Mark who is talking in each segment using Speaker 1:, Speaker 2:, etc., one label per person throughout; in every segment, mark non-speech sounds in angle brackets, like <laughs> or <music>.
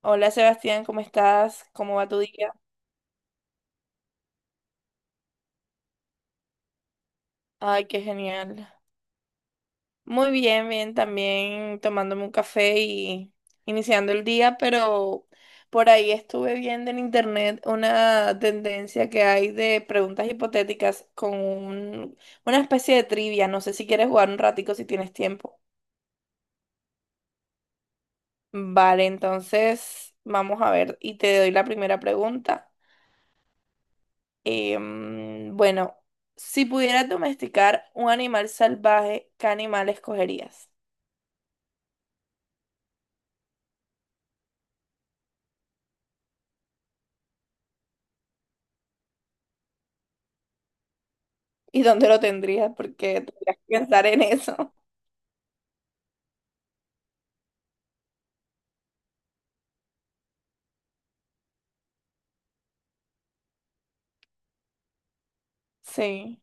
Speaker 1: Hola Sebastián, ¿cómo estás? ¿Cómo va tu día? Ay, qué genial. Muy bien, bien, también tomándome un café y iniciando el día, pero por ahí estuve viendo en internet una tendencia que hay de preguntas hipotéticas con una especie de trivia. No sé si quieres jugar un ratico si tienes tiempo. Vale, entonces vamos a ver y te doy la primera pregunta. Bueno, si pudieras domesticar un animal salvaje, ¿qué animal escogerías? ¿Y dónde lo tendrías? Porque tendrías que pensar en eso. <laughs> Sí,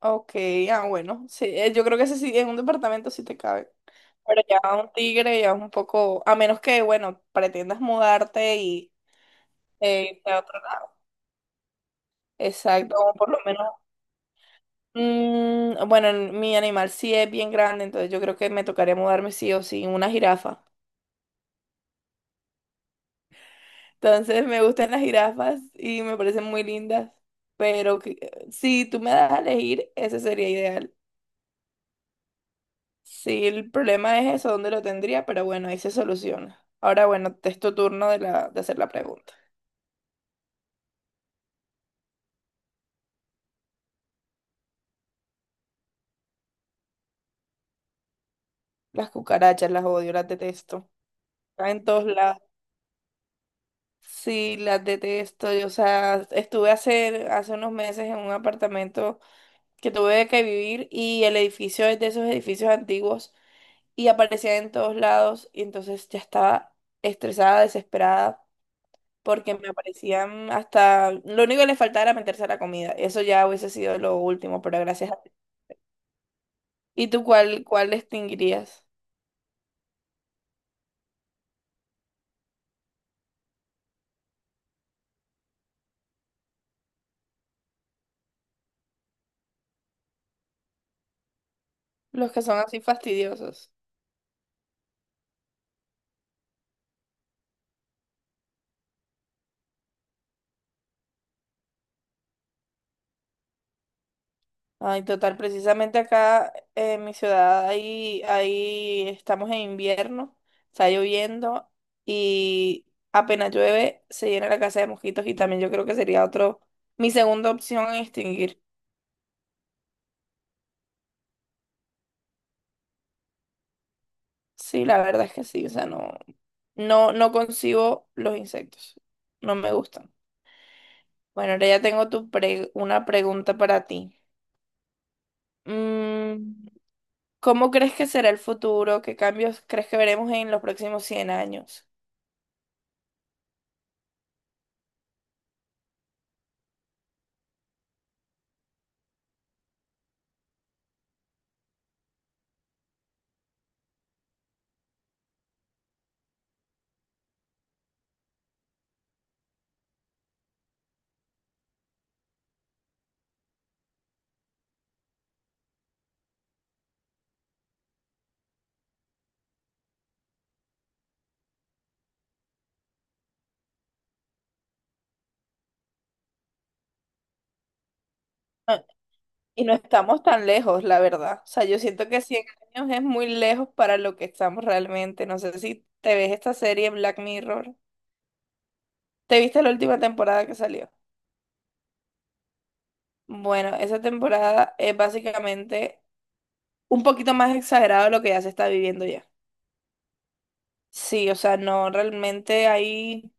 Speaker 1: ok, ah, bueno, sí, yo creo que ese sí, en un departamento sí te cabe. Pero ya un tigre ya es un poco, a menos que, bueno, pretendas mudarte y irte a otro lado. Exacto, o por lo menos, bueno, mi animal sí es bien grande, entonces yo creo que me tocaría mudarme sí o sí, una jirafa. Entonces me gustan las jirafas y me parecen muy lindas, pero si tú me das a elegir, ese sería ideal. Sí, el problema es eso, dónde lo tendría, pero bueno, ahí se soluciona. Ahora bueno, te es tu turno de, la, de hacer la pregunta. Las cucarachas las odio, las detesto. Están en todos lados. Sí, las detesto. Y, o sea, estuve hace unos meses en un apartamento que tuve que vivir y el edificio es de esos edificios antiguos y aparecía en todos lados y entonces ya estaba estresada, desesperada, porque me aparecían hasta, lo único que le faltaba era meterse a la comida, eso ya hubiese sido lo último, pero gracias a Dios. ¿Y tú cuál extinguirías? Los que son así fastidiosos. Ay, total, precisamente acá en mi ciudad, ahí estamos en invierno, está lloviendo y apenas llueve se llena la casa de mosquitos y también yo creo que sería otro, mi segunda opción en extinguir. Sí, la verdad es que sí, o sea, no, no, no concibo los insectos, no me gustan. Bueno, ahora ya tengo una pregunta para ti. Mm, ¿Cómo crees que será el futuro? ¿Qué cambios crees que veremos en los próximos 100 años? Ah, y no estamos tan lejos, la verdad. O sea, yo siento que 100 años es muy lejos para lo que estamos realmente. No sé si te ves esta serie Black Mirror. ¿Te viste la última temporada que salió? Bueno, esa temporada es básicamente un poquito más exagerado de lo que ya se está viviendo ya. Sí, o sea, no, realmente ahí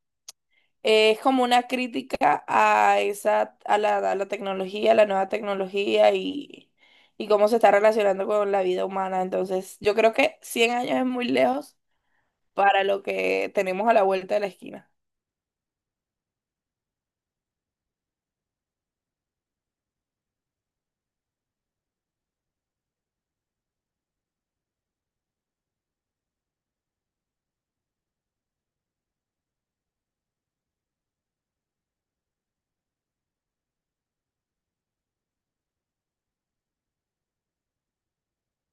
Speaker 1: es como una crítica a esa, a la, tecnología, a la nueva tecnología y cómo se está relacionando con la vida humana. Entonces, yo creo que 100 años es muy lejos para lo que tenemos a la vuelta de la esquina.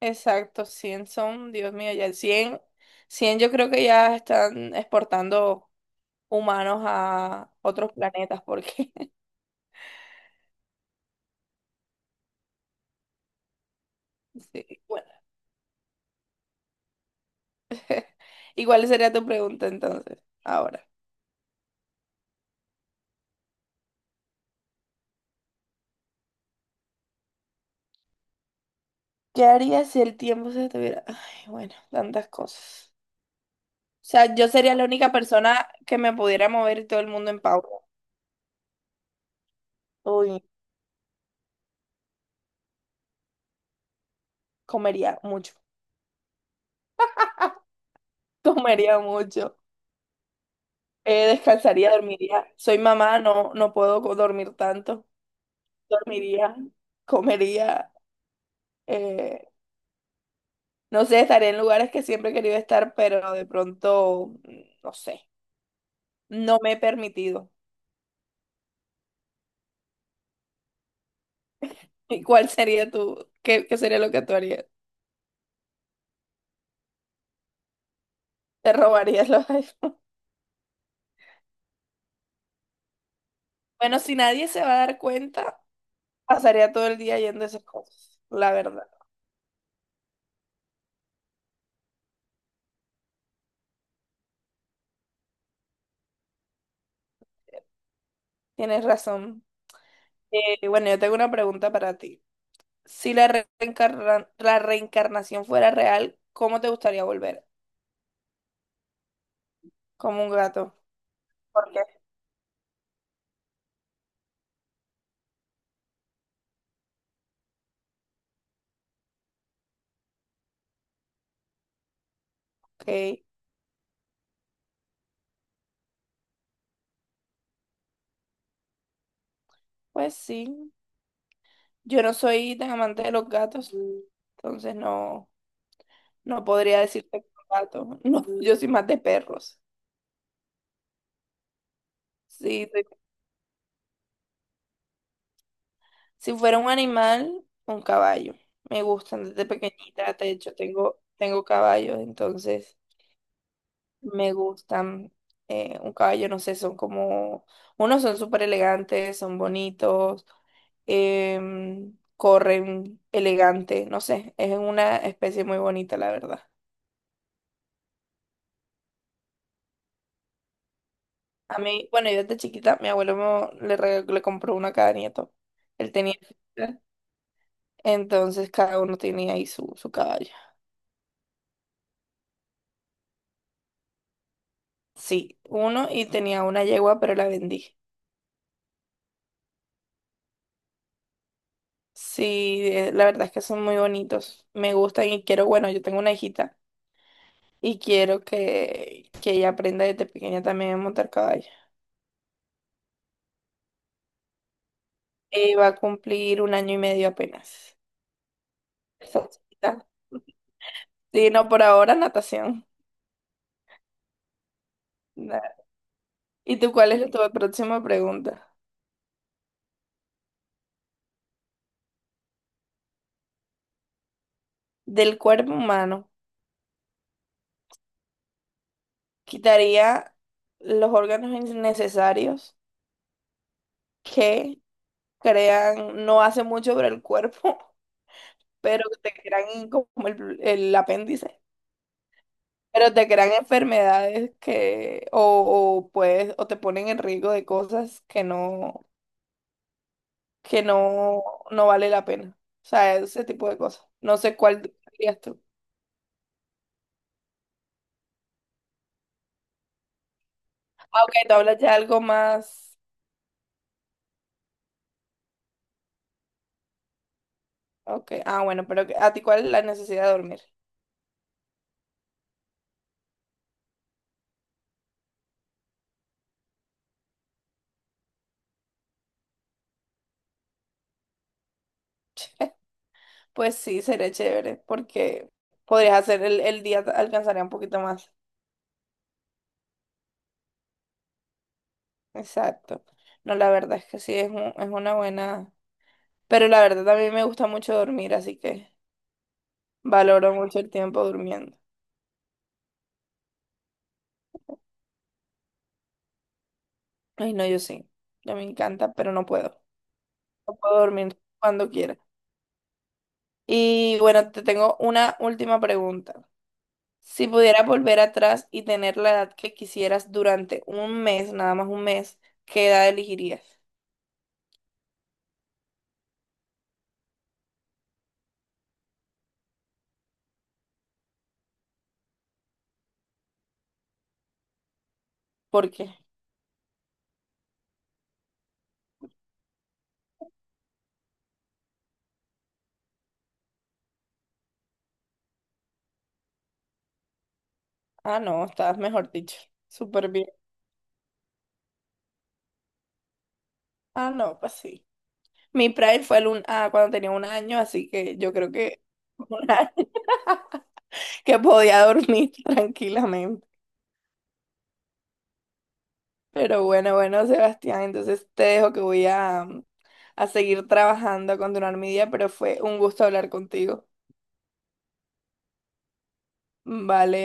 Speaker 1: Exacto, 100 son, Dios mío, ya el cien yo creo que ya están exportando humanos a otros planetas porque, <laughs> sí, bueno. ¿Y cuál sería tu pregunta entonces? Ahora. ¿Qué harías si el tiempo se detuviera? Ay, bueno, tantas cosas. O sea, yo sería la única persona que me pudiera mover y todo el mundo en pausa. Uy, comería mucho. <laughs> Comería mucho. Descansaría, dormiría. Soy mamá, no, no puedo dormir tanto. Dormiría, comería. eh, no sé, estaría en lugares que siempre he querido estar, pero de pronto, no sé, no me he permitido. <laughs> ¿Y cuál sería tu, qué sería lo que tú harías? Te robarías los iPhones. Bueno, si nadie se va a dar cuenta, pasaría todo el día yendo a esas cosas, la verdad. Tienes razón. Bueno, yo tengo una pregunta para ti. Si la reencarnación fuera real, ¿cómo te gustaría volver? Como un gato. ¿Por qué? Ok, pues sí. Yo no soy tan amante de los gatos, entonces no, no podría decirte que un gato. <laughs> No, yo soy más de perros. Sí, si fuera un animal, un caballo. Me gustan desde pequeñita, de hecho tengo caballos, entonces me gustan un caballo, no sé, son como, unos son súper elegantes, son bonitos, corren elegante, no sé, es una especie muy bonita, la verdad. A mí, bueno, yo desde chiquita, mi abuelo le compró una a cada nieto. Él tenía, entonces cada uno tenía ahí su caballo. Sí, uno y tenía una yegua, pero la vendí. Sí, la verdad es que son muy bonitos. Me gustan y quiero, bueno, yo tengo una hijita y quiero que ella aprenda desde pequeña también a montar caballo. Y va a cumplir un año y medio apenas. Está chiquita. Sí, no, por ahora natación. Na- ¿Y tú cuál es tu próxima pregunta? Del cuerpo humano, quitaría los órganos innecesarios que crean no hace mucho por el cuerpo <laughs> pero te crean como el apéndice, pero te crean enfermedades que, o puedes, o te ponen en riesgo de cosas que no, no vale la pena. O sea, ese tipo de cosas. No sé cuál dirías tú. Ah, ok, tú hablas ya algo más. Ok, ah, bueno, pero que- ¿a ti cuál es la necesidad de dormir? Pues sí, sería chévere, porque podrías hacer el día, alcanzaría un poquito más. Exacto. No, la verdad es que sí, es una buena. Pero la verdad, a mí me gusta mucho dormir, así que valoro mucho el tiempo durmiendo. Ay, no, yo sí. Yo me encanta, pero no puedo. No puedo dormir cuando quiera. Y bueno, te tengo una última pregunta. Si pudieras volver atrás y tener la edad que quisieras durante un mes, nada más un mes, ¿qué edad elegirías? ¿Por qué? Ah, no, estabas mejor dicho. Súper bien. Ah, no, pues sí. Mi prime fue el un... ah, cuando tenía un año, así que yo creo que <laughs> un año. Que podía dormir <laughs> tranquilamente. Pero bueno, bueno, Sebastián, entonces te dejo que voy a, a seguir trabajando, a continuar mi día, pero fue un gusto hablar contigo. Vale.